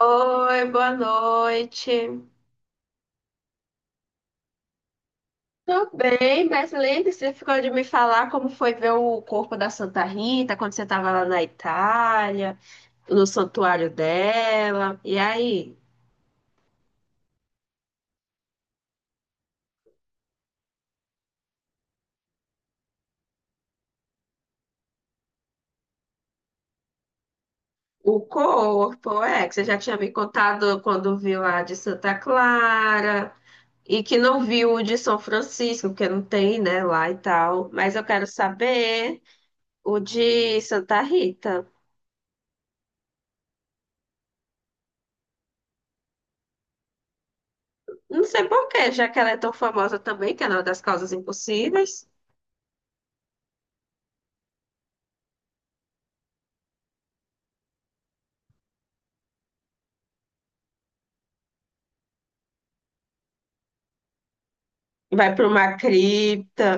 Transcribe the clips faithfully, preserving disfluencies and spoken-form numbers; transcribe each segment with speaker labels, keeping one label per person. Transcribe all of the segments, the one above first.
Speaker 1: Oi, boa noite. Tô bem, mas lembre-se, você ficou de me falar como foi ver o corpo da Santa Rita quando você estava lá na Itália, no santuário dela. E aí, o corpo, é, que você já tinha me contado quando viu a de Santa Clara e que não viu o de São Francisco, porque não tem, né, lá e tal. Mas eu quero saber o de Santa Rita. Não sei por quê, já que ela é tão famosa também, que é uma das causas impossíveis. Vai para uma cripta.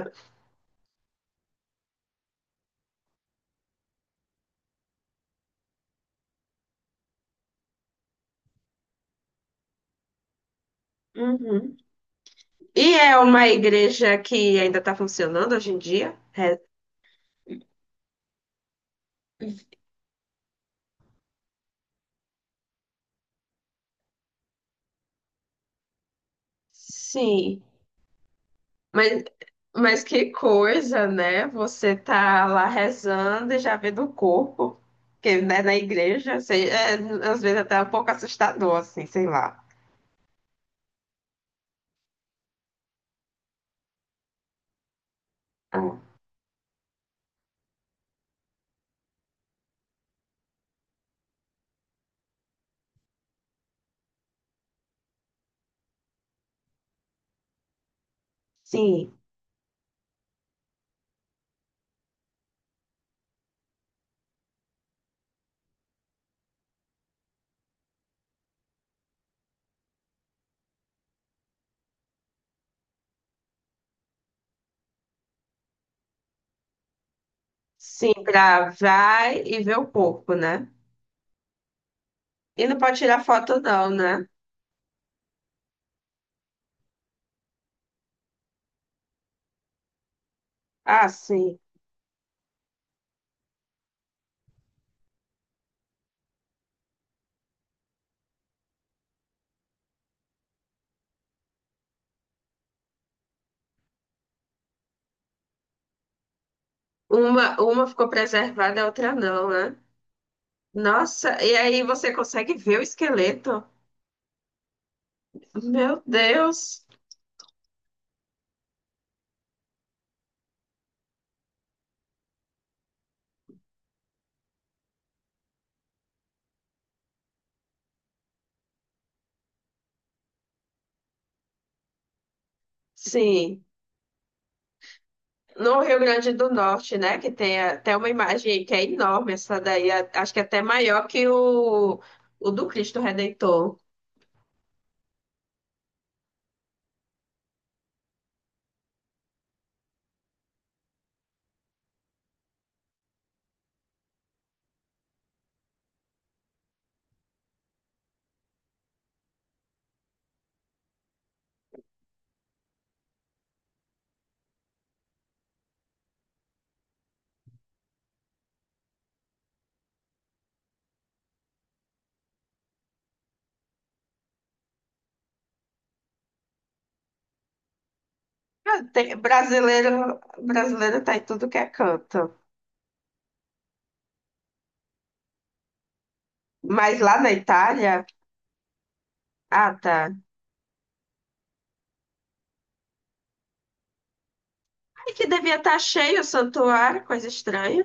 Speaker 1: Uhum. E é uma igreja que ainda está funcionando hoje em dia? É, sim. Mas, mas que coisa, né? Você tá lá rezando e já vê do corpo, que né, na igreja, sei, é, às vezes até é um pouco assustador, assim, sei lá. Ah, sim, sim, pra vai e ver o corpo, né? E não pode tirar foto, não, né? Ah, sim. Uma, uma ficou preservada, a outra não, né? Nossa, e aí você consegue ver o esqueleto? Meu Deus! Sim, no Rio Grande do Norte, né? Que tem até uma imagem que é enorme, essa daí, a- acho que é até maior que o, o do Cristo Redentor. Ah, tem, brasileiro, brasileiro tá em tudo que é canto. Mas lá na Itália, ah, tá. Ai, que devia estar cheio o santuário, coisa estranha.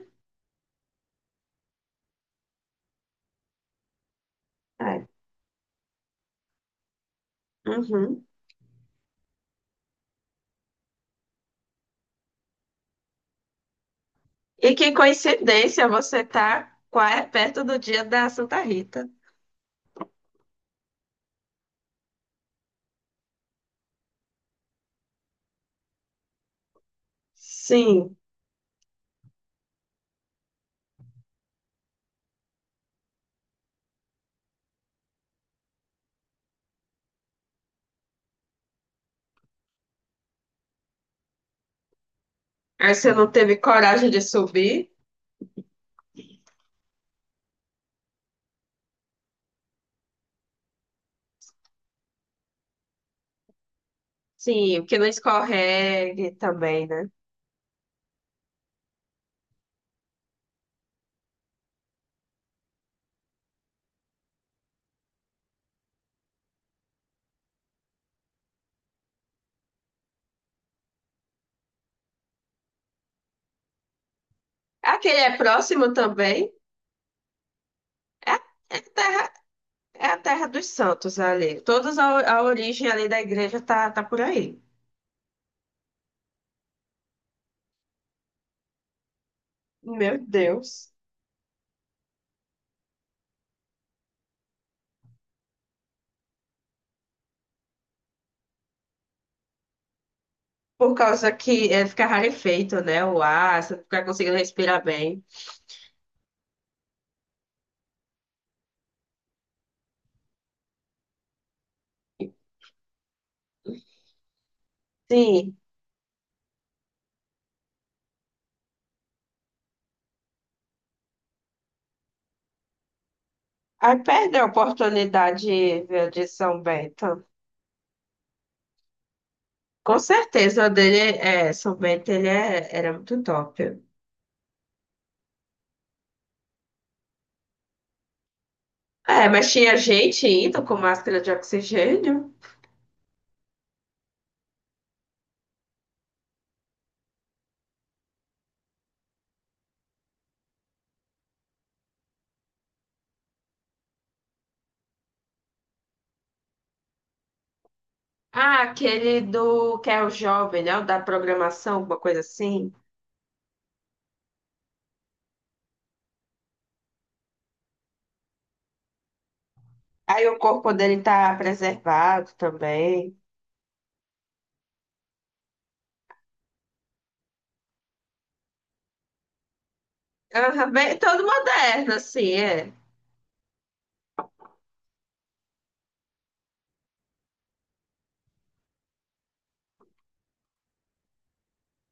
Speaker 1: É. Uhum. E que coincidência, você tá qua- perto do dia da Santa Rita. Sim. Aí você não teve coragem de subir? Sim, o que não escorregue também, né? Aquele é próximo também? É, é a terra, é a terra dos santos ali. Todas a, a origem ali da igreja tá, tá por aí. Meu Deus. Por causa que é, fica rarefeito, né? O ar, você não fica conseguindo respirar bem. Sim. Aí perdeu a oportunidade viu, de São Bento. Com certeza o dele é, São Bento ele é, era muito top. É, mas tinha gente indo com máscara de oxigênio. Ah, aquele do que é o jovem, né? O da programação, alguma coisa assim. Aí o corpo dele tá preservado também. Aham, bem, todo moderno, assim, é.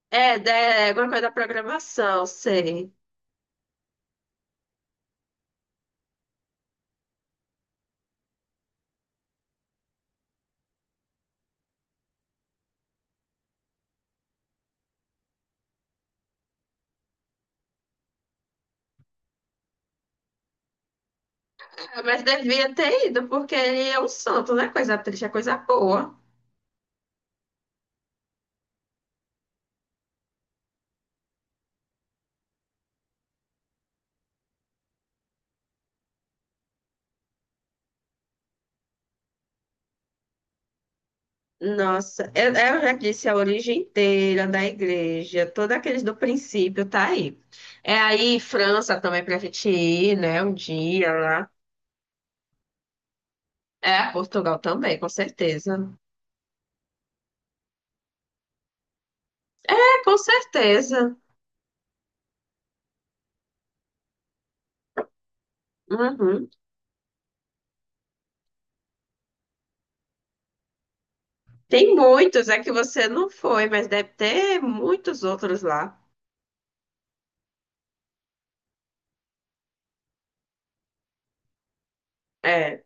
Speaker 1: É, de- é alguma coisa da programação, sei. Ah, mas devia ter ido, porque ele é um santo, não é coisa triste, é coisa boa. Nossa, eu, eu já disse a origem inteira da igreja, todos aqueles do princípio tá aí. É aí França também pra gente ir, né? Um dia lá. É, Portugal também, com certeza. É, com certeza. Uhum. Tem muitos, é que você não foi, mas deve ter muitos outros lá. É.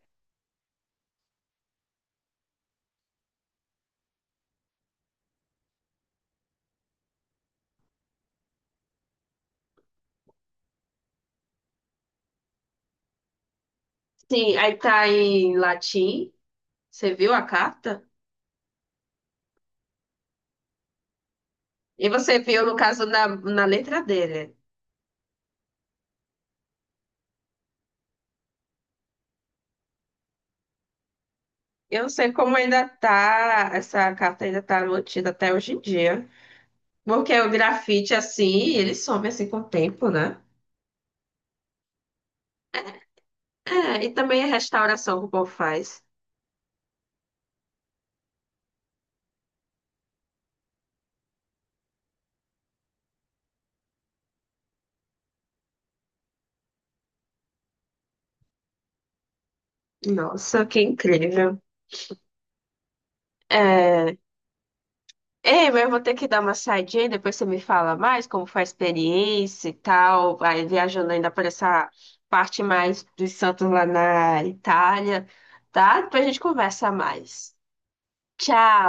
Speaker 1: Sim, aí tá em latim. Você viu a carta? E você viu, no caso, na, na letra dele. Eu não sei como ainda tá, essa carta ainda tá mantida até hoje em dia. Porque o grafite, assim, ele some assim com o tempo, né? É, e também a restauração que o povo faz. Nossa, que incrível. É... Ei, mas eu vou ter que dar uma saidinha, depois você me fala mais como foi a experiência e tal. Vai viajando ainda por essa parte mais dos santos lá na Itália, tá? Depois a gente conversa mais. Tchau!